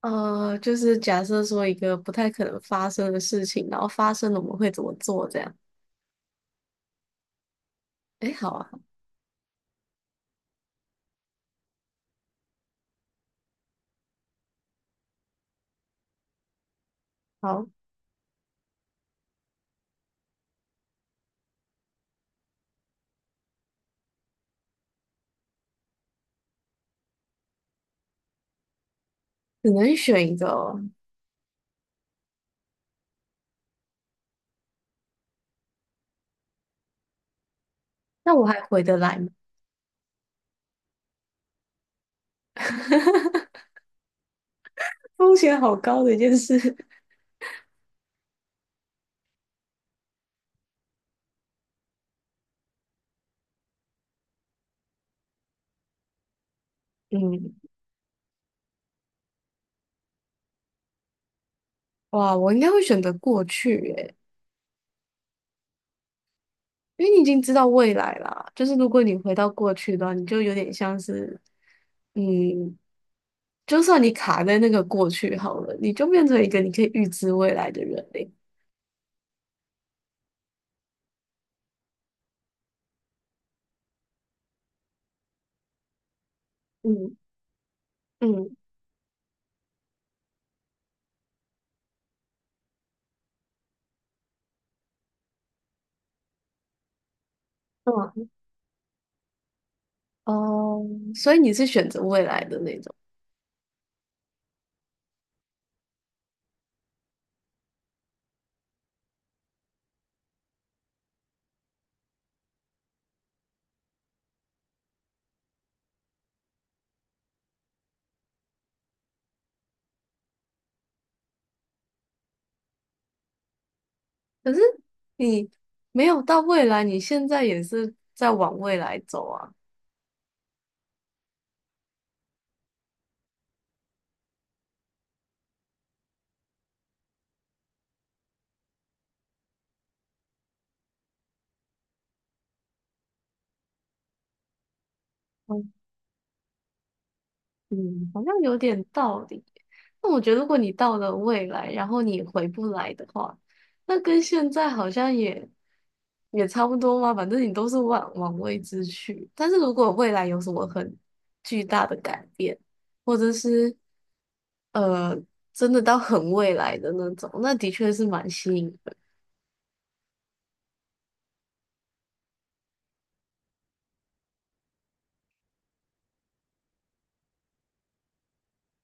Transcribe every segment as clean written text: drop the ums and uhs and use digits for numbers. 就是假设说一个不太可能发生的事情，然后发生了我们会怎么做这样？哎，好啊，好，只能选一个哦。那我还回得来吗？风险好高的一件事。嗯，哇，我应该会选择过去耶，因为你已经知道未来啦。就是如果你回到过去的话，你就有点像是，嗯，就算你卡在那个过去好了，你就变成一个你可以预知未来的人嘞。嗯嗯嗯。哦，所以你是选择未来的那种，可是你没有到未来，你现在也是在往未来走啊。嗯嗯好像有点道理。那我觉得，如果你到了未来，然后你回不来的话，那跟现在好像也差不多嘛。反正你都是往未知去。但是如果未来有什么很巨大的改变，或者是呃，真的到很未来的那种，那的确是蛮吸引。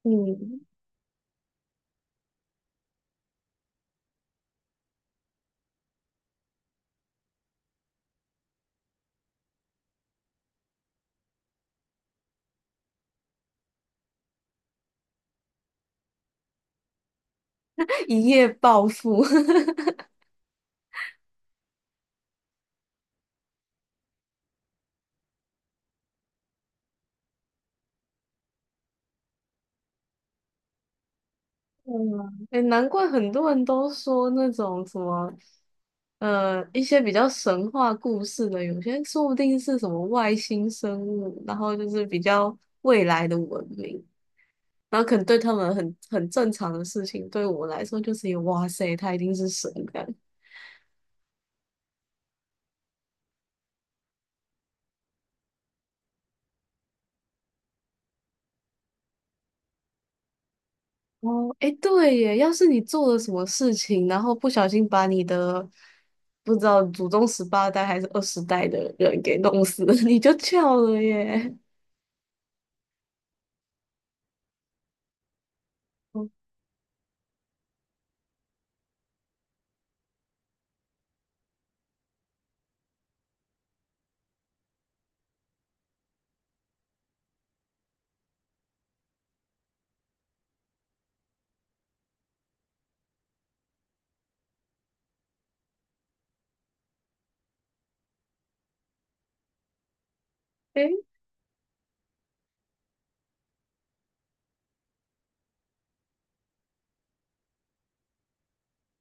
嗯，一夜暴富。嗯，哎，难怪很多人都说那种什么，一些比较神话故事的，有些说不定是什么外星生物，然后就是比较未来的文明，然后可能对他们很正常的事情，对我来说就是一个哇塞，他一定是神的。哦，哎，对耶，要是你做了什么事情，然后不小心把你的不知道祖宗十八代还是二十代的人给弄死了，你就翘了耶。哦哎，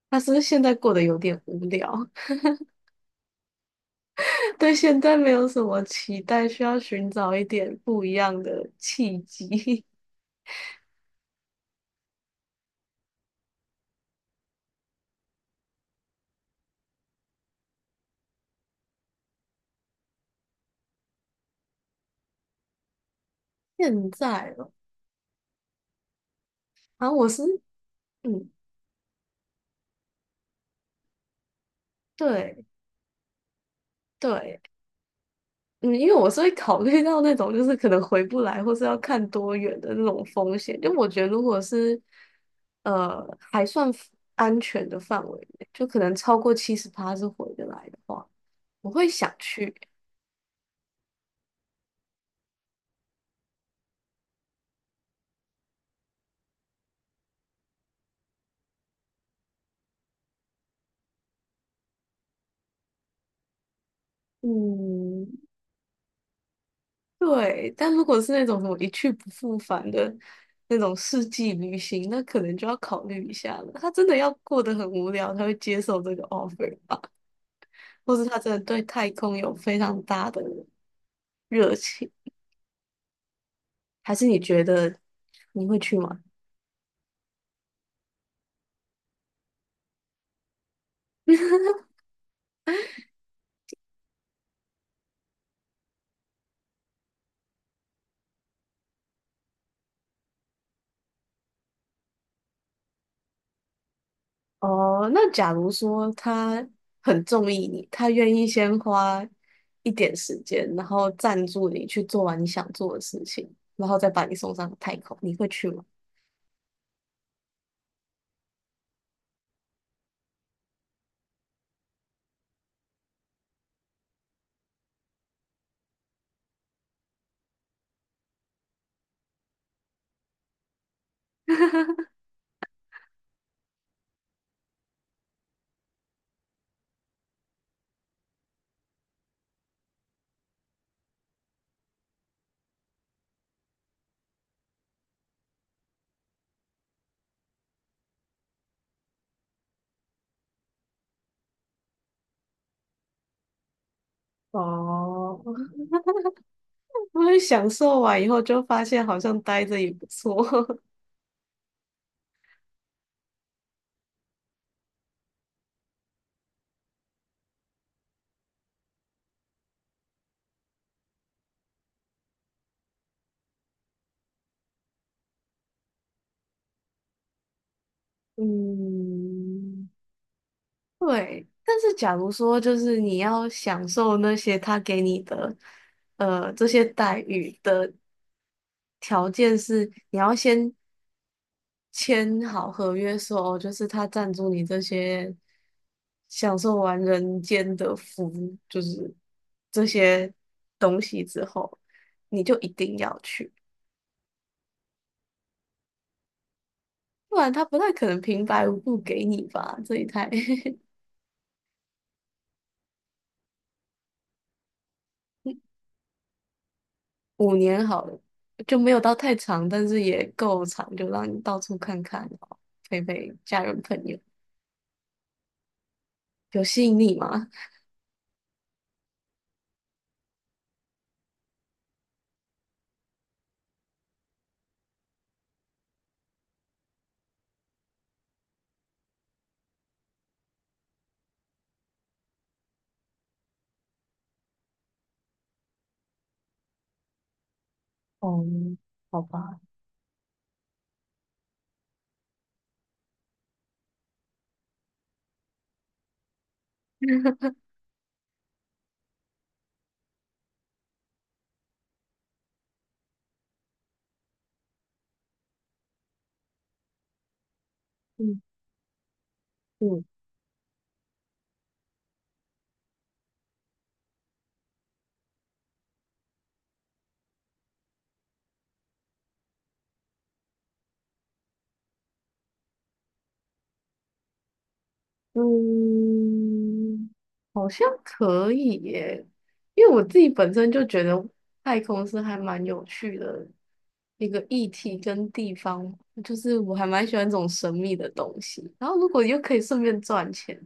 他是不是现在过得有点无聊？对现在没有什么期待，需要寻找一点不一样的契机。现在了，啊，我是嗯，对对，嗯，因为我是会考虑到那种就是可能回不来，或是要看多远的那种风险。就我觉得，如果是还算 安全的范围内就可能超过70趴是回得来的话，我会想去。嗯，对。但如果是那种什么一去不复返的那种世纪旅行，那可能就要考虑一下了。他真的要过得很无聊，他会接受这个 offer 吧？或是他真的对太空有非常大的热情？还是你觉得你会去吗？哦，那假如说他很中意你，他愿意先花一点时间，然后赞助你去做完你想做的事情，然后再把你送上太空，你会去吗？哦，我会享受完以后就发现好像待着也不错。嗯，对。但是假如说就是你要享受那些他给你的，这些待遇的条件是你要先签好合约说，哦，就是他赞助你这些享受完人间的福，就是这些东西之后，你就一定要去，不然他不太可能平白无故给你吧？这一台 5年好了，就没有到太长，但是也够长，就让你到处看看，然后陪陪家人朋友，有吸引力吗？哦，好吧，嗯嗯。嗯，好像可以耶，因为我自己本身就觉得太空是还蛮有趣的一个议题跟地方，就是我还蛮喜欢这种神秘的东西。然后如果又可以顺便赚钱，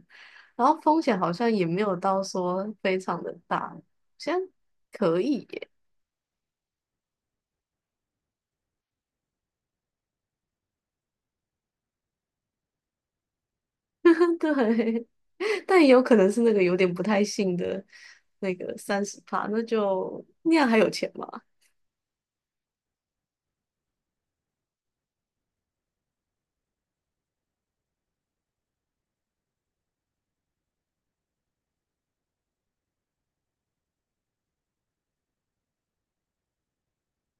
然后风险好像也没有到说非常的大，好像可以耶。对，但也有可能是那个有点不太信的那个30趴，那就那样还有钱吗？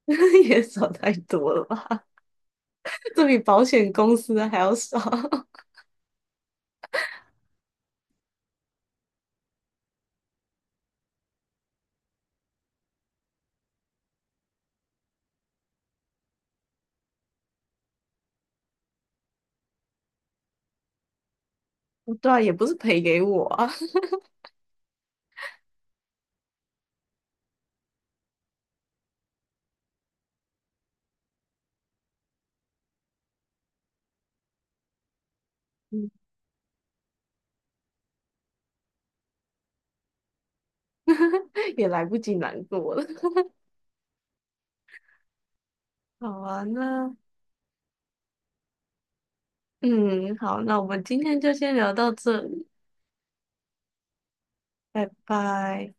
也少太多了吧？这比保险公司的还要少。对啊，也不是赔给我啊，嗯 也来不及难过了。好啊，那嗯，好，那我们今天就先聊到这里，拜拜。